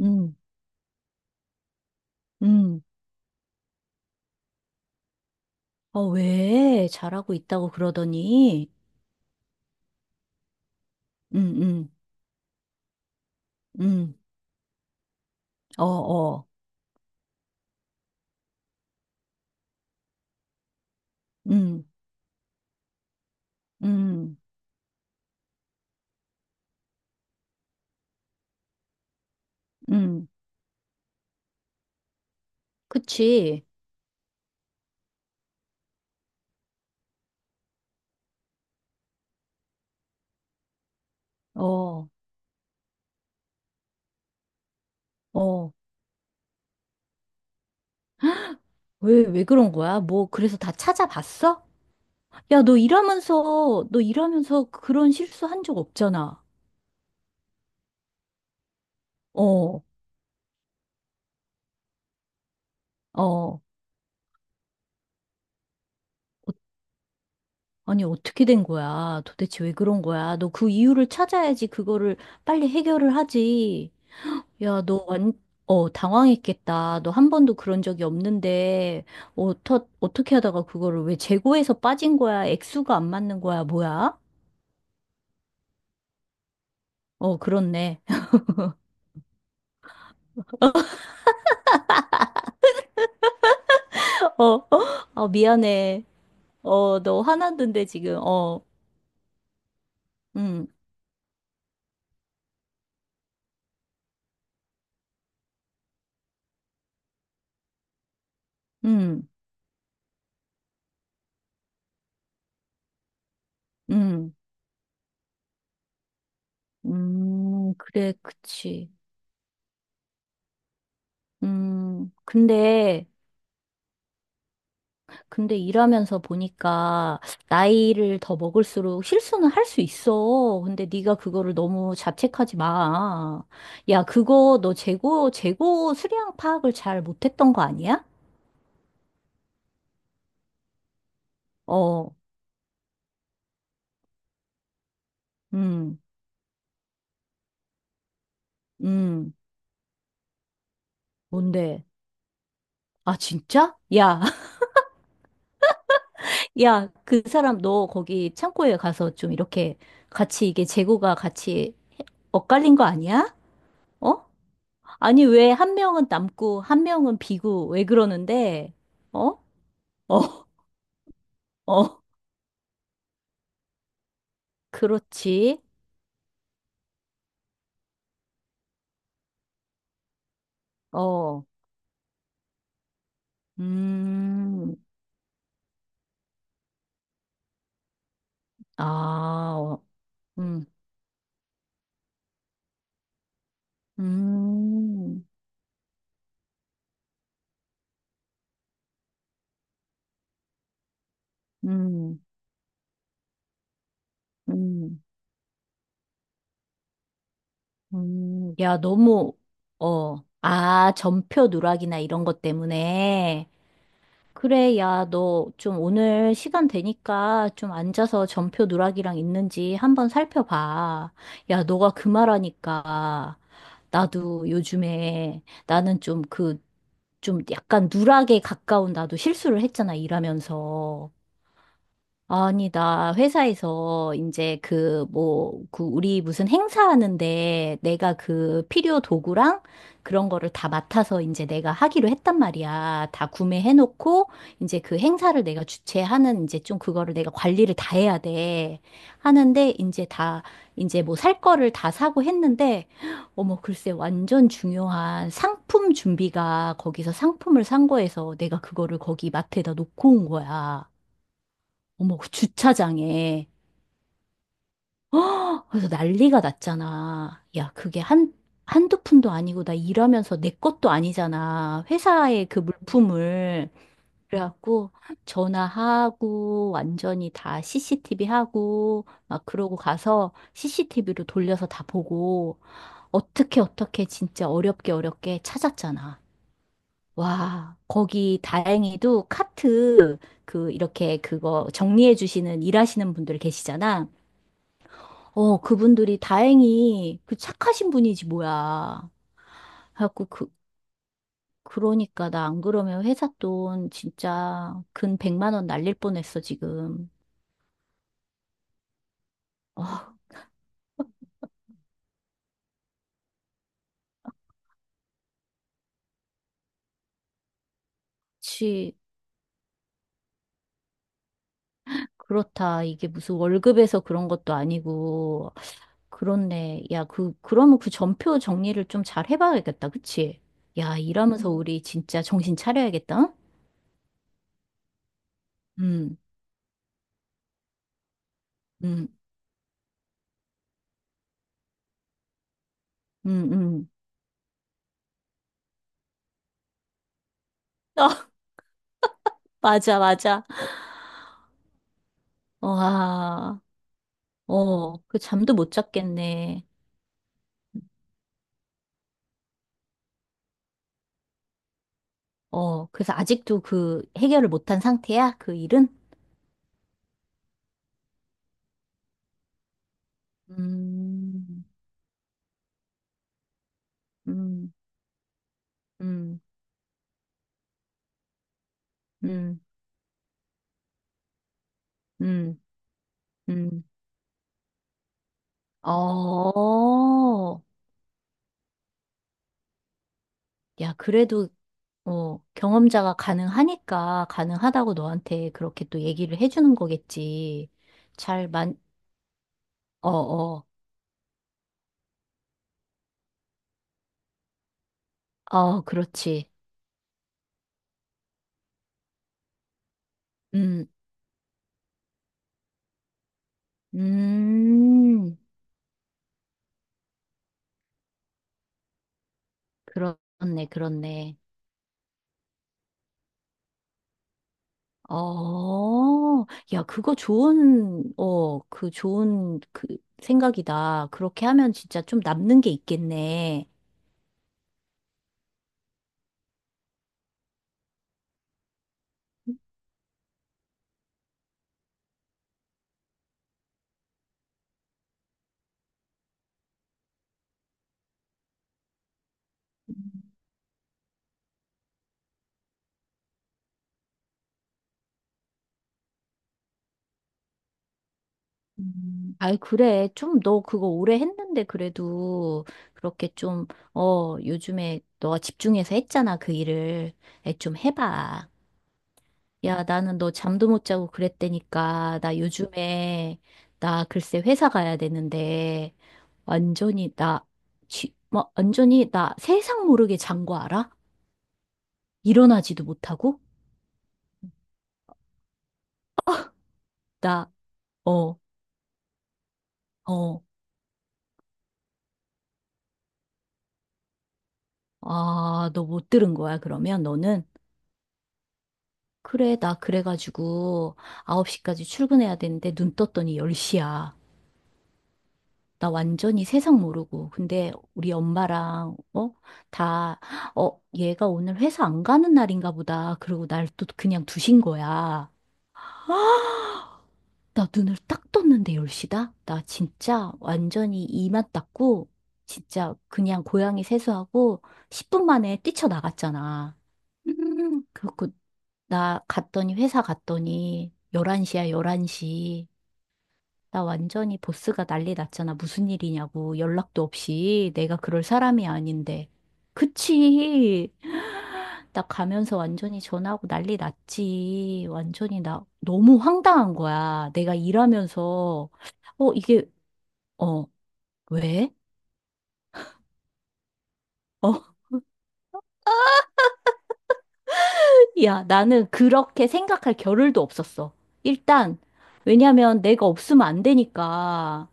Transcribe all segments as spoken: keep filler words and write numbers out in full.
음, 음. 어, 왜? 잘하고 있다고 그러더니. 음, 음, 음. 어, 어. 음, 음, 음. 그치. 어, 어. 왜, 왜 그런 거야? 뭐, 그래서 다 찾아봤어? 야, 너 일하면서, 너 일하면서 그런 실수 한 적 없잖아. 어, 어. 어, 아니, 어떻게 된 거야? 도대체 왜 그런 거야? 너 그 이유를 찾아야지 그거를 빨리 해결을 하지. 야, 너 완, 어, 당황했겠다. 너 한 번도 그런 적이 없는데, 어떠, 어떻게 하다가 그거를 왜 재고에서 빠진 거야? 액수가 안 맞는 거야? 뭐야? 어, 그렇네. 어, 어, 아, 미안해. 어, 너 화났는데 지금, 어, 음, 음, 음, 음, 그래, 그치. 음, 근데, 근데 일하면서 보니까 나이를 더 먹을수록 실수는 할 수 있어. 근데 네가 그거를 너무 자책하지 마. 야, 그거 너 재고 재고 수량 파악을 잘 못했던 거 아니야? 어, 음, 음, 뭔데? 아, 진짜? 야, 야, 그 사람 너 거기 창고에 가서 좀 이렇게 같이 이게 재고가 같이 엇갈린 거 아니야? 어? 아니, 왜 한 명은 남고 한 명은 비고 왜 그러는데? 어? 어? 어, 그렇지. 어, 음, 아, 어, 음, 음, 음, 음, 음. 야, 너무, 어, 아, 전표 누락이나 이런 것 때문에. 그래, 야, 너 좀 오늘 시간 되니까 좀 앉아서 전표 누락이랑 있는지 한번 살펴봐. 야, 너가 그 말하니까 나도 요즘에 나는 좀 그, 좀 약간 누락에 가까운 나도 실수를 했잖아, 일하면서. 아니, 나 회사에서 이제 그 뭐, 그 우리 무슨 행사하는데 내가 그 필요 도구랑 그런 거를 다 맡아서 이제 내가 하기로 했단 말이야. 다 구매해놓고 이제 그 행사를 내가 주최하는 이제 좀 그거를 내가 관리를 다 해야 돼. 하는데 이제 다 이제 뭐 살 거를 다 사고 했는데 어머, 글쎄 완전 중요한 상품 준비가 거기서 상품을 산 거에서 내가 그거를 거기 마트에다 놓고 온 거야. 어머, 그 주차장에. 허! 그래서 난리가 났잖아. 야, 그게 한, 한두 푼도 아니고 나 일하면서 내 것도 아니잖아. 회사의 그 물품을. 그래갖고 전화하고 완전히 다 씨씨티비 하고 막 그러고 가서 씨씨티비로 돌려서 다 보고 어떻게 어떻게 진짜 어렵게 어렵게 찾았잖아. 와, 거기 다행히도 카트 그 이렇게 그거 정리해 주시는 일하시는 분들 계시잖아. 어, 그분들이 다행히 그 착하신 분이지 뭐야. 그래갖고 그, 그러니까 나 안 그러면 회사 돈 진짜 근 백만 원 날릴 뻔했어, 지금. 아, 그치. 그렇다. 이게 무슨 월급에서 그런 것도 아니고. 그렇네. 야, 그, 그러면 그 전표 정리를 좀 잘 해봐야겠다. 그치? 야, 일하면서 음. 우리 진짜 정신 차려야겠다. 응? 음, 음, 음, 음. 어, 맞아, 맞아. 와. 어, 그 잠도 못 잤겠네. 어, 그래서 아직도 그 해결을 못한 상태야? 그 일은? 음, 음, 음, 음, 음, 음. 어, 야, 그래도, 어, 경험자가 가능하니까, 가능하다고 너한테 그렇게 또 얘기를 해주는 거겠지. 잘 만, 어, 어, 어, 그렇지. 음, 음, 그렇네, 그렇네. 어, 야, 그거 좋은, 어, 그 좋은 그 생각이다. 그렇게 하면 진짜 좀 남는 게 있겠네. 음. 아이, 그래. 좀 너 그거 오래 했는데 그래도 그렇게 좀, 어, 요즘에 너가 집중해서 했잖아. 그 일을. 에, 좀 해봐. 야, 나는 너 잠도 못 자고 그랬다니까. 나 요즘에, 나 글쎄 회사 가야 되는데, 완전히 나, 쥐, 뭐, 완전히 나 세상 모르게 잔 거 알아? 일어나지도 못하고? 나, 어, 어, 아, 너 못 들은 거야, 그러면 너는? 그래, 나 그래가지고 아홉 시까지 출근해야 되는데 눈 떴더니 열 시야. 나 완전히 세상 모르고. 근데 우리 엄마랑, 어? 다, 어, 얘가 오늘 회사 안 가는 날인가 보다. 그러고 날 또 그냥 두신 거야. 나 눈을 딱 떴는데 열 시다? 나 진짜 완전히 이만 닦고, 진짜 그냥 고양이 세수하고 십 분 만에 뛰쳐나갔잖아. 음, 그렇고, 나 갔더니, 회사 갔더니 열한 시야, 열한 시. 나 완전히 보스가 난리 났잖아. 무슨 일이냐고. 연락도 없이. 내가 그럴 사람이 아닌데. 그치? 나 가면서 완전히 전화하고 난리 났지. 완전히 나 너무 황당한 거야. 내가 일하면서, 어, 이게, 어, 왜? 어? 야, 나는 그렇게 생각할 겨를도 없었어. 일단, 왜냐면 내가 없으면 안 되니까.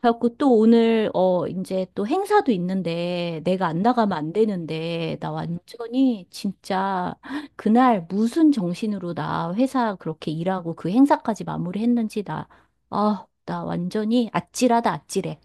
그래갖고 또 오늘, 어, 이제 또 행사도 있는데, 내가 안 나가면 안 되는데, 나 완전히 진짜 그날 무슨 정신으로 나 회사 그렇게 일하고 그 행사까지 마무리했는지 나, 아, 나 완전히 아찔하다, 아찔해.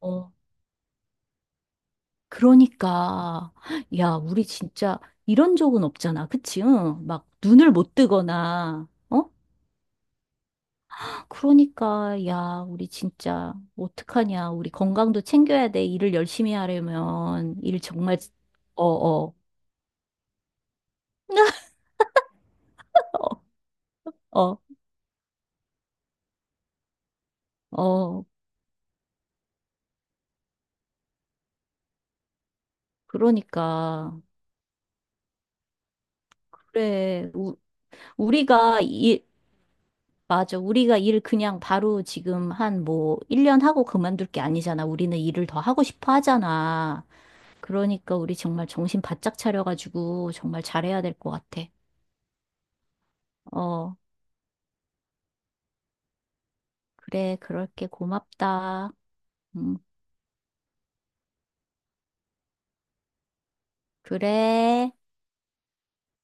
어, 그러니까, 야, 우리 진짜 이런 적은 없잖아. 그치? 응? 막 눈을 못 뜨거나, 어? 그러니까, 야, 우리 진짜 어떡하냐. 우리 건강도 챙겨야 돼. 일을 열심히 하려면. 일 정말, 어, 어. 어, 어, 그러니까. 그래, 우, 우리가 일, 맞아. 우리가 일 그냥 바로 지금 한 뭐, 일 년 하고 그만둘 게 아니잖아. 우리는 일을 더 하고 싶어 하잖아. 그러니까 우리 정말 정신 바짝 차려가지고 정말 잘해야 될 것 같아. 어, 그래, 그럴게. 고맙다. 음, 그래.